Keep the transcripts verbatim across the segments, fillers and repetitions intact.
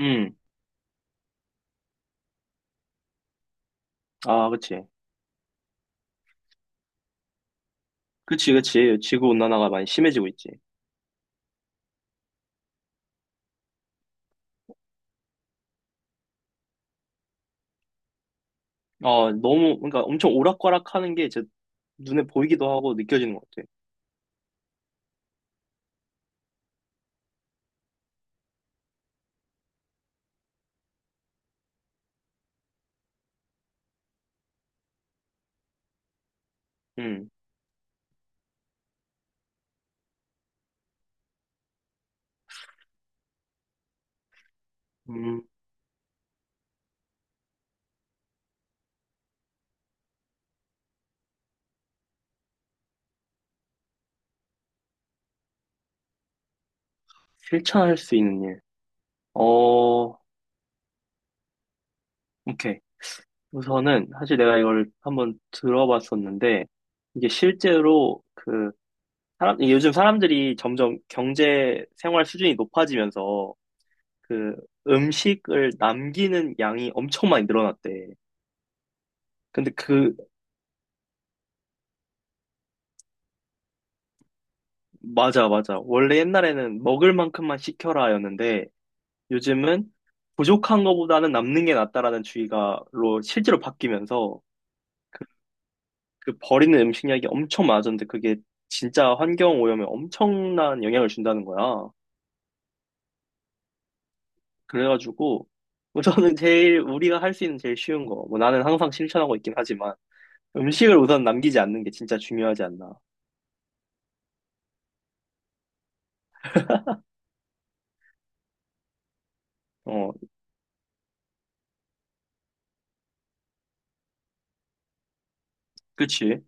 음, 아, 그치. 그치, 그치. 지구온난화가 많이 심해지고 있지. 아, 너무, 그러니까 엄청 오락가락 하는 게 이제 눈에 보이기도 하고 느껴지는 것 같아. 음, 음, 실천할 수 있는 일. 어, 오케이. 우선은, 사실 내가 이걸 한번 들어봤었는데, 이게 실제로 그, 사람, 이게 요즘 사람들이 점점 경제 생활 수준이 높아지면서 그 음식을 남기는 양이 엄청 많이 늘어났대. 근데 그 맞아, 맞아. 원래 옛날에는 먹을 만큼만 시켜라였는데 요즘은 부족한 것보다는 남는 게 낫다라는 주의가로 실제로 바뀌면서 그, 그 버리는 음식량이 엄청 많아졌는데 그게 진짜 환경 오염에 엄청난 영향을 준다는 거야. 그래가지고 뭐 저는 제일 우리가 할 수 있는 제일 쉬운 거, 뭐 나는 항상 실천하고 있긴 하지만 음식을 우선 남기지 않는 게 진짜 중요하지 않나. 어, 그치?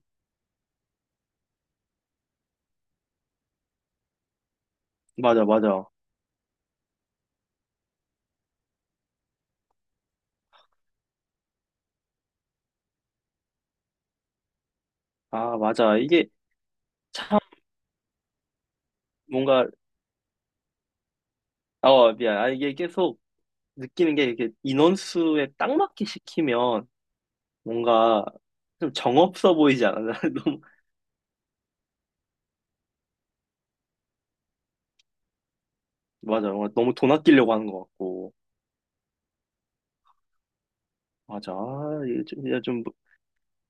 맞아, 맞아. 아, 맞아. 이게 참 뭔가 어 미안. 아, 이게 계속 느끼는 게 이게 인원수에 딱 맞게 시키면 뭔가 좀 정없어 보이지 않아? 너무, 맞아. 뭔가 너무 돈 아끼려고 하는 것 같고. 맞아. 아, 이게 좀, 이게 좀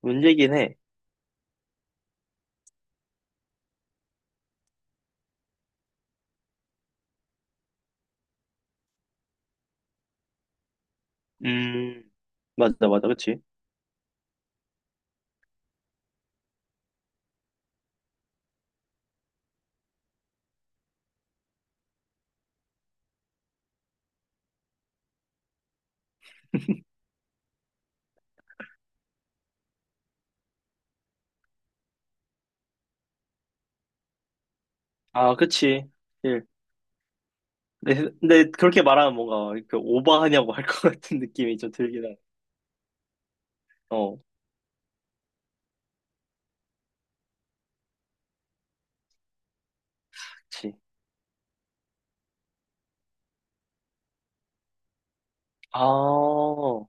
문제긴 해. 음, 맞아, 맞아. 그치? 아, 그치. 예. 근데, 근데 그렇게 말하면 뭔가 이렇게 오버하냐고 할 것 같은 느낌이 좀 들긴 해. 어, 그치. 아, 어,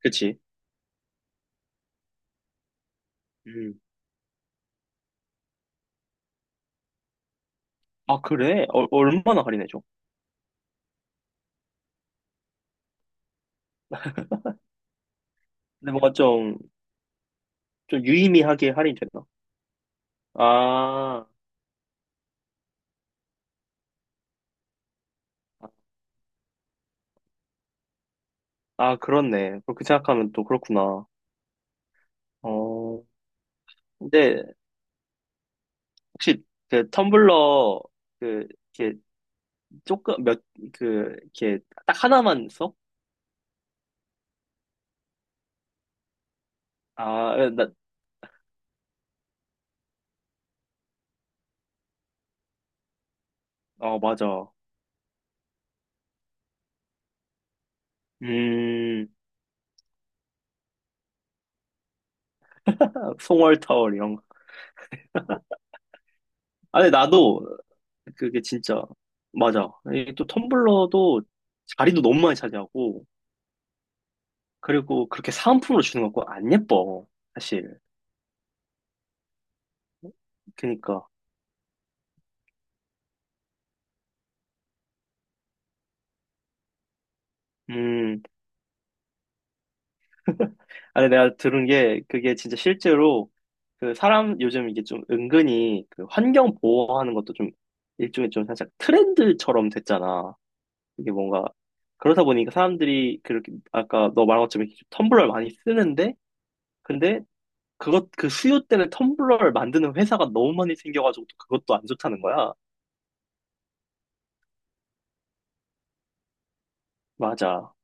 그치. 음. 아, 그래? 어, 얼마나 할인해줘? 근데 뭔가 좀, 좀 유의미하게 할인되나? 아, 아, 그렇네. 그렇게 생각하면 또 그렇구나. 어, 근데 혹시 그 텀블러 그 이렇게 조금 몇 그 이렇게 딱 하나만 써? 아, 나, 어, 맞아. 음, 송월 타월 이런 거. 아니, 나도 그게 진짜 맞아. 이게 또 텀블러도 자리도 너무 많이 차지하고 그리고 그렇게 사은품으로 주는 거 안 예뻐. 사실. 그니까. 음. 아니, 내가 들은 게, 그게 진짜 실제로, 그 사람, 요즘 이게 좀 은근히 그 환경 보호하는 것도 좀 일종의 좀 살짝 트렌드처럼 됐잖아. 이게 뭔가, 그러다 보니까 사람들이 그렇게, 아까 너 말한 것처럼 이렇게 텀블러를 많이 쓰는데, 근데 그것, 그 수요 때문에 텀블러를 만드는 회사가 너무 많이 생겨가지고 또 그것도 안 좋다는 거야. 맞아.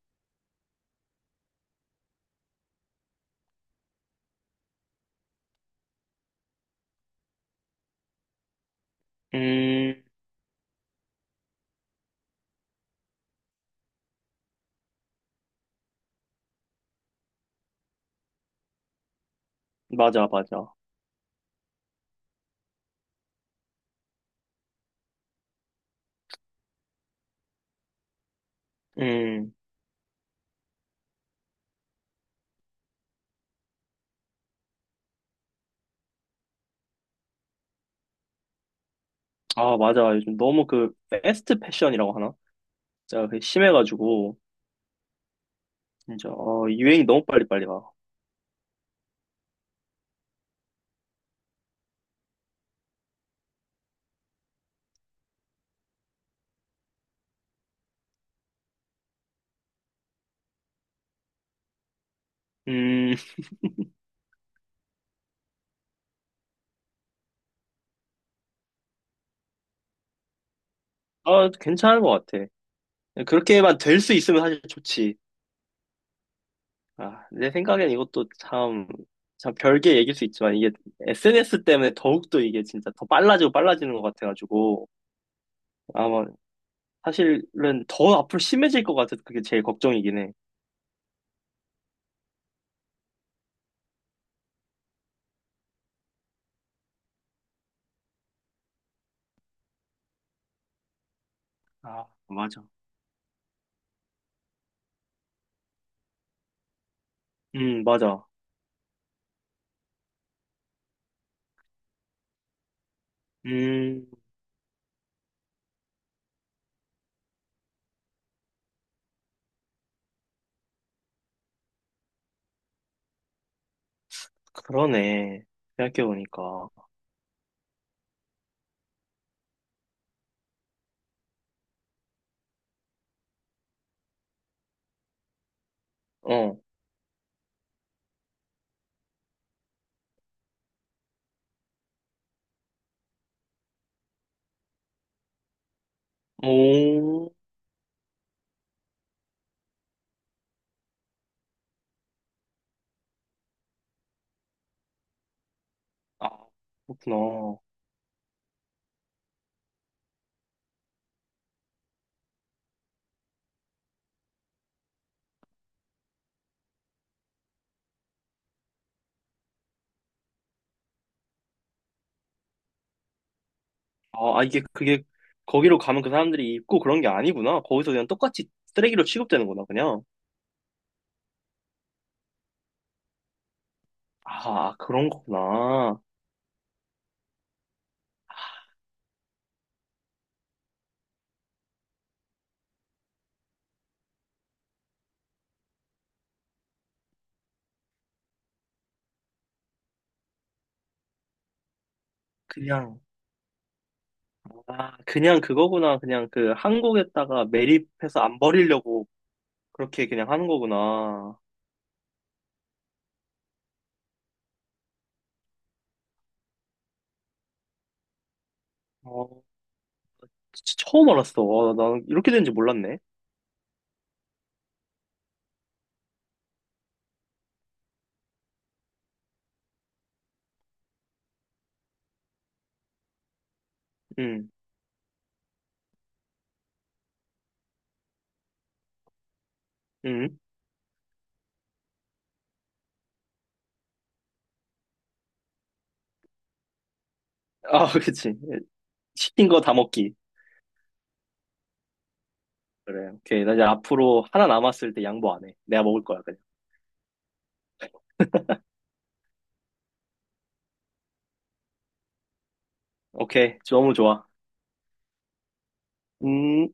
음, 맞아, 맞아. 음, 아, 맞아. 요즘 너무 그, 패스트 패션이라고 하나? 진짜 그게 심해가지고, 진짜, 어, 유행이 너무 빨리빨리 와. 음, 아, 괜찮은 것 같아. 그렇게만 될 수 있으면 사실 좋지. 아, 내 생각엔 이것도 참, 참 별개 얘기일 수 있지만, 이게 에스엔에스 때문에 더욱더 이게 진짜 더 빨라지고 빨라지는 것 같아가지고, 아마 사실은 더 앞으로 심해질 것 같아서 그게 제일 걱정이긴 해. 아, 맞아. 음, 맞아. 음, 그러네. 생각해보니까. 어, 오, 아, 그렇구나. 아, 아, 이게 그게 거기로 가면 그 사람들이 입고 그런 게 아니구나. 거기서 그냥 똑같이 쓰레기로 취급되는구나, 그냥. 아, 그런 거구나. 그냥, 아, 그냥 그거구나. 그냥 그 한국에다가 매립해서 안 버리려고 그렇게 그냥 하는 거구나. 어, 진짜 처음 알았어. 와, 나 이렇게 되는지 몰랐네. 응, 응. 아, 그치. 시킨 거 다 먹기. 그래, 오케이. 나 이제 앞으로 하나 남았을 때 양보 안 해. 내가 먹을 거야, 그냥. 오케이. 너무 좋아. 음.